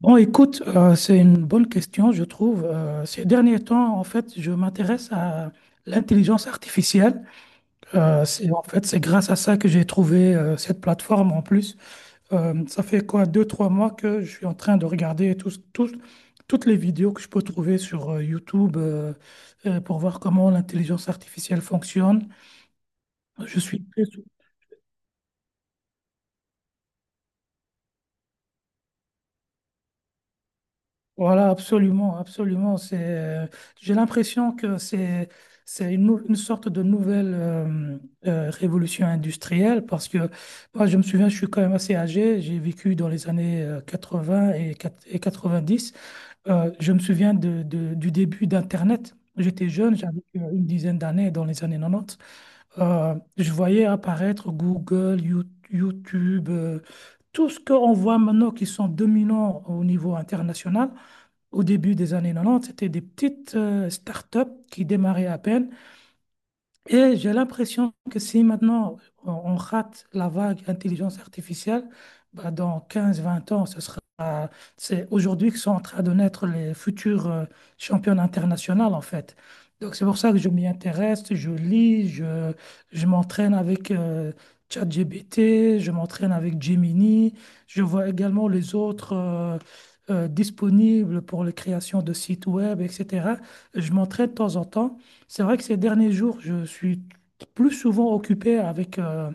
Bon, écoute, c'est une bonne question, je trouve. Ces derniers temps, en fait, je m'intéresse à l'intelligence artificielle. En fait, c'est grâce à ça que j'ai trouvé cette plateforme en plus. Ça fait quoi, deux, trois mois que je suis en train de regarder toutes les vidéos que je peux trouver sur YouTube, pour voir comment l'intelligence artificielle fonctionne. Je suis très Voilà, absolument, absolument. J'ai l'impression que c'est une sorte de nouvelle révolution industrielle parce que moi, je me souviens, je suis quand même assez âgé. J'ai vécu dans les années 80 et 90. Je me souviens du début d'Internet. J'étais jeune, j'avais une dizaine d'années dans les années 90. Je voyais apparaître Google, YouTube, tout ce qu'on voit maintenant qui sont dominants au niveau international. Au début des années 90, c'était des petites startups qui démarraient à peine. Et j'ai l'impression que si maintenant on rate la vague intelligence artificielle, bah, dans quinze vingt ans, c'est aujourd'hui que sont en train de naître les futurs champions internationaux, en fait. Donc c'est pour ça que je m'y intéresse, je lis, je m'entraîne avec ChatGPT, je m'entraîne avec Gemini, je vois également les autres disponibles pour la création de sites web, etc. Je m'entraîne de temps en temps. C'est vrai que ces derniers jours, je suis plus souvent occupé avec, euh,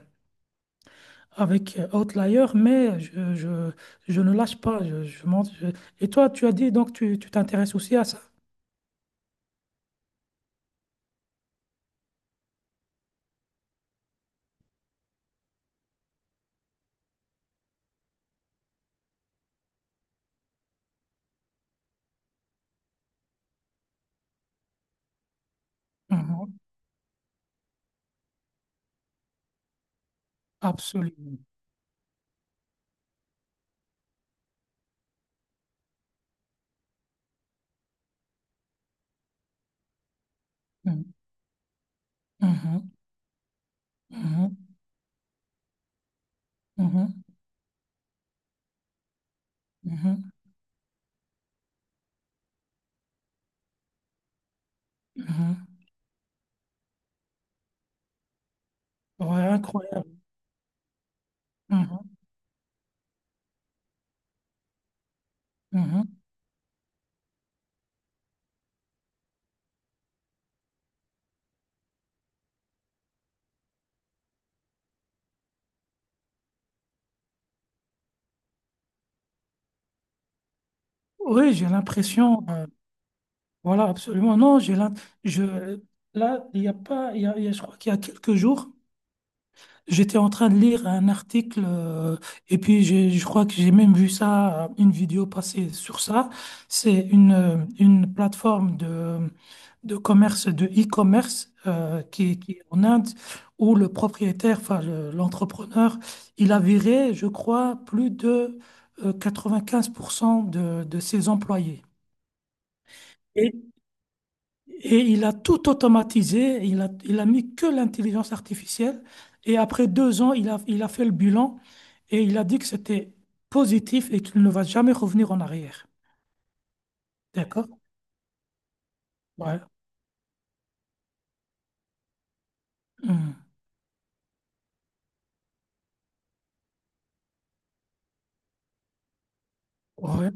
avec euh, Outlier, mais je ne lâche pas. Et toi, tu as dit donc tu t'intéresses aussi à ça? Mhm. Absolument. Mhm. Mhm. Mhm. Mhm. Mhm. Mhm. Ouais, incroyable. Mhm. Mhm. Oui, j'ai l'impression. Voilà, absolument. Non, je, là, il y a pas, il y a- je crois qu'il y a quelques jours, j'étais en train de lire un article et puis je crois que j'ai même vu ça, une vidéo passer sur ça. C'est une plateforme de commerce, de e-commerce qui est en Inde, où le propriétaire, enfin l'entrepreneur, il a viré, je crois, plus de 95% de ses employés. Et il a tout automatisé, il a mis que l'intelligence artificielle. Et après 2 ans, il a fait le bilan et il a dit que c'était positif et qu'il ne va jamais revenir en arrière. D'accord? Ouais. Mm. Ouais.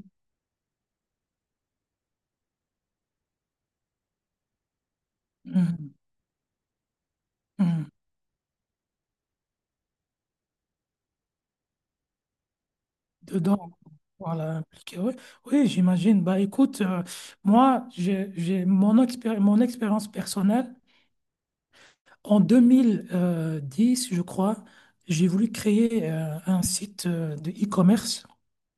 Mm. Mm. Dedans, voilà, impliqué. Oui, oui, j'imagine. Bah, écoute, moi, j'ai mon mon expérience personnelle. En deux mille dix, je crois, j'ai voulu créer un site de e-commerce.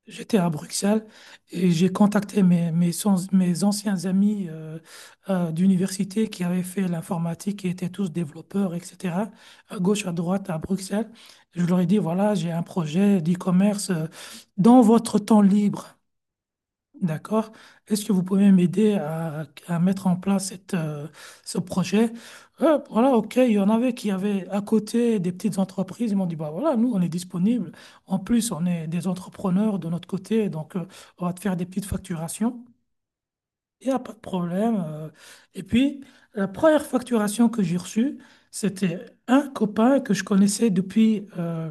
J'étais à Bruxelles et j'ai contacté mes, mes, sans- mes anciens amis d'université qui avaient fait l'informatique, qui étaient tous développeurs, etc., à gauche, à droite, à Bruxelles. Je leur ai dit, voilà, j'ai un projet d'e-commerce, dans votre temps libre. D'accord. Est-ce que vous pouvez m'aider à mettre en place ce projet? Voilà, ok, il y en avait qui avaient à côté des petites entreprises. Ils m'ont dit, bah voilà, nous, on est disponible. En plus, on est des entrepreneurs de notre côté, donc on va te faire des petites facturations. Il n'y a pas de problème. Et puis, la première facturation que j'ai reçue, c'était un copain que je connaissais depuis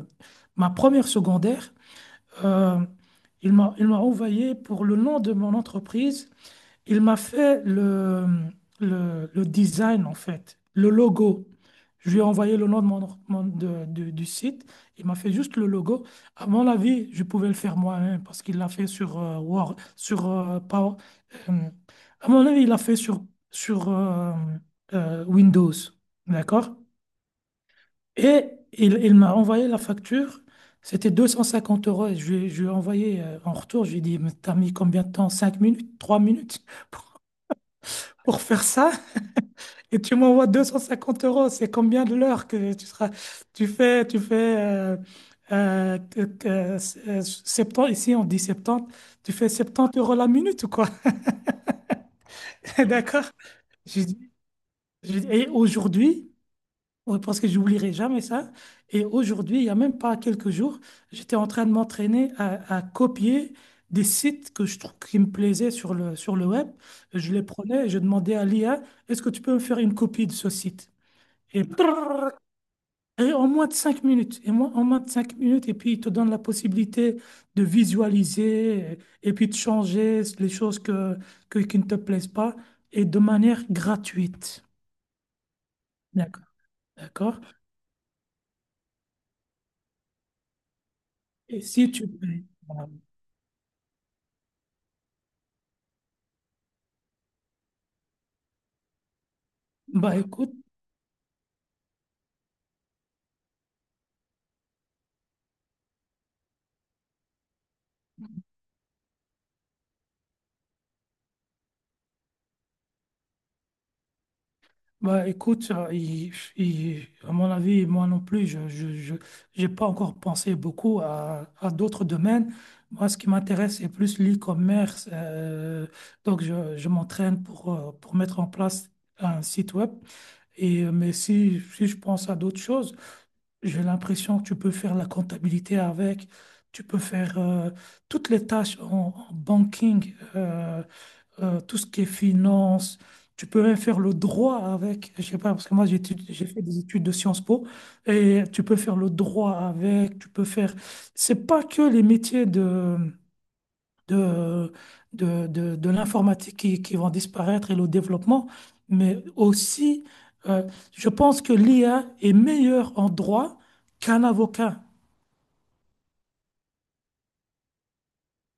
ma première secondaire. Euh, il m'a envoyé pour le nom de mon entreprise. Il m'a fait le design, en fait, le logo. Je lui ai envoyé le nom de du site. Il m'a fait juste le logo. À mon avis, je pouvais le faire moi-même parce qu'il l'a fait sur Word, sur Power. euh, à mon avis, il l'a fait sur Windows. D'accord? Et il m'a envoyé la facture. C'était 250 euros. Et je lui ai envoyé en retour. Je lui ai dit, mais t'as mis combien de temps? 5 minutes? 3 minutes? pour faire ça et tu m'envoies 250 euros. C'est combien de l'heure que tu seras, tu fais, euh, que- que- septante- ici on dit 70, tu fais 70 € la minute ou quoi? D'accord? J'ai dit- j'ai dit, et aujourd'hui, ouais, parce que j'oublierai jamais ça, et aujourd'hui, il y a même pas quelques jours, j'étais en train de m'entraîner à copier des sites que je trouve qui me plaisaient sur le web. Je les prenais et je demandais à l'IA, est-ce que tu peux me faire une copie de ce site? Et, prrr, et en moins de 5 minutes, et moi, en moins de 5 minutes, et puis il te donne la possibilité de visualiser et puis de changer les choses qui ne te plaisent pas et de manière gratuite. D'accord, d'accord. Et si tu payes, voilà. bah écoute, Bah, écoute, à mon avis, moi non plus, j'ai pas encore pensé beaucoup à d'autres domaines. Moi, ce qui m'intéresse, c'est plus l'e-commerce. Donc, je m'entraîne pour mettre en place un site web. Et, mais si je pense à d'autres choses, j'ai l'impression que tu peux faire la comptabilité avec, tu peux faire toutes les tâches en banking. Tout ce qui est finance. Tu peux même faire le droit avec, je sais pas, parce que moi j'ai fait des études de Sciences Po et tu peux faire le droit avec, tu peux faire. C'est pas que les métiers de, de l'informatique qui vont disparaître et le développement, mais aussi, euh, je pense que l'IA est meilleure en droit qu'un avocat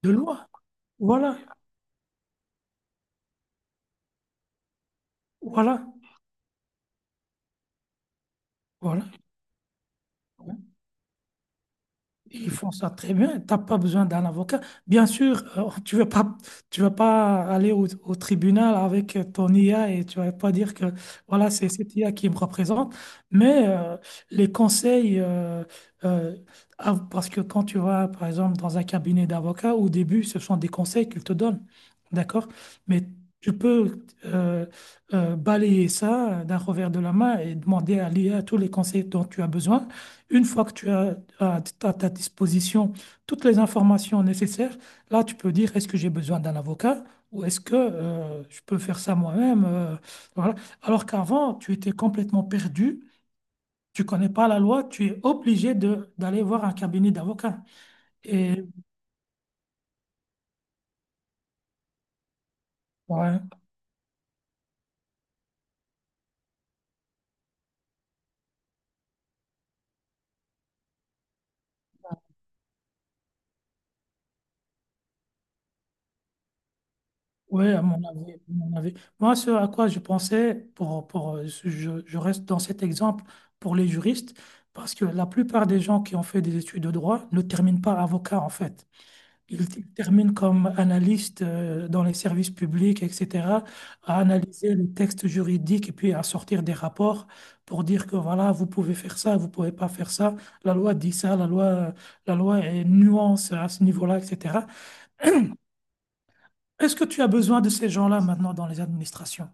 de loi. Voilà, voilà, voilà. Ils font ça très bien. T'as pas besoin d'un avocat. Bien sûr, tu veux pas, tu vas pas aller au tribunal avec ton IA et tu vas pas dire que voilà, c'est cette IA qui me représente. Mais les conseils, euh, ah, parce que quand tu vas, par exemple, dans un cabinet d'avocat, au début, ce sont des conseils qu'ils te donnent. D'accord? Mais tu peux balayer ça d'un revers de la main et demander à l'IA tous les conseils dont tu as besoin. Une fois que tu as à ta disposition toutes les informations nécessaires, là, tu peux dire, est-ce que j'ai besoin d'un avocat ou est-ce que je peux faire ça moi-même, voilà. Alors qu'avant, tu étais complètement perdu, tu connais pas la loi, tu es obligé de d'aller voir un cabinet d'avocats. Et ouais, ouais, à mon avis, à mon avis. Moi, ce à quoi je pensais, je reste dans cet exemple pour les juristes, parce que la plupart des gens qui ont fait des études de droit ne terminent pas avocat, en fait. Il termine comme analyste dans les services publics, etc., à analyser les textes juridiques et puis à sortir des rapports pour dire que voilà, vous pouvez faire ça, vous pouvez pas faire ça. La loi dit ça, la loi est nuance à ce niveau-là, etc. Est-ce que tu as besoin de ces gens-là maintenant dans les administrations?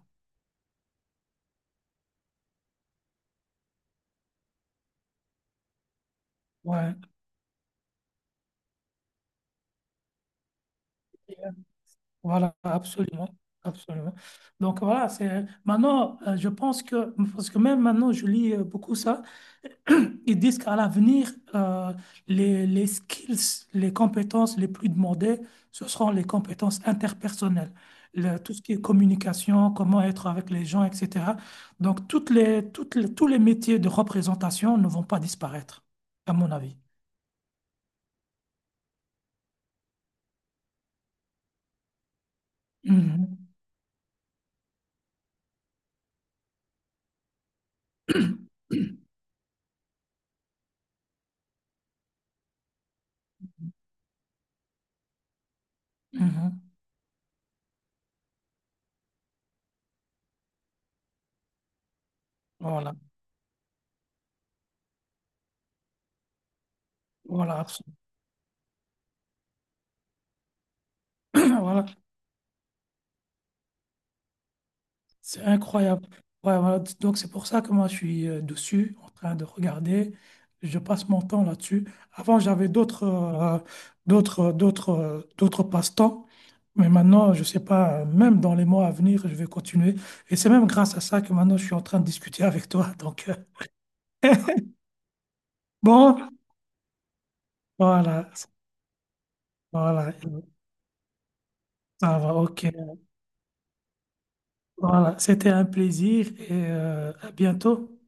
Ouais, voilà, absolument, absolument. Donc voilà, c'est maintenant, je pense que parce que même maintenant, je lis beaucoup ça. Ils disent qu'à l'avenir, les skills, les compétences les plus demandées, ce seront les compétences interpersonnelles. Tout ce qui est communication, comment être avec les gens, etc. Donc, tous les métiers de représentation ne vont pas disparaître, à mon avis. Mhm. Mhm. Voilà. Voilà, absolument. C'est incroyable. Ouais, voilà. Donc c'est pour ça que moi je suis dessus, en train de regarder. Je passe mon temps là-dessus. Avant j'avais d'autres passe-temps, mais maintenant je sais pas. Même dans les mois à venir, je vais continuer. Et c'est même grâce à ça que maintenant je suis en train de discuter avec toi. Donc bon, voilà, voilà, ça va, ok. Voilà, c'était un plaisir et à bientôt.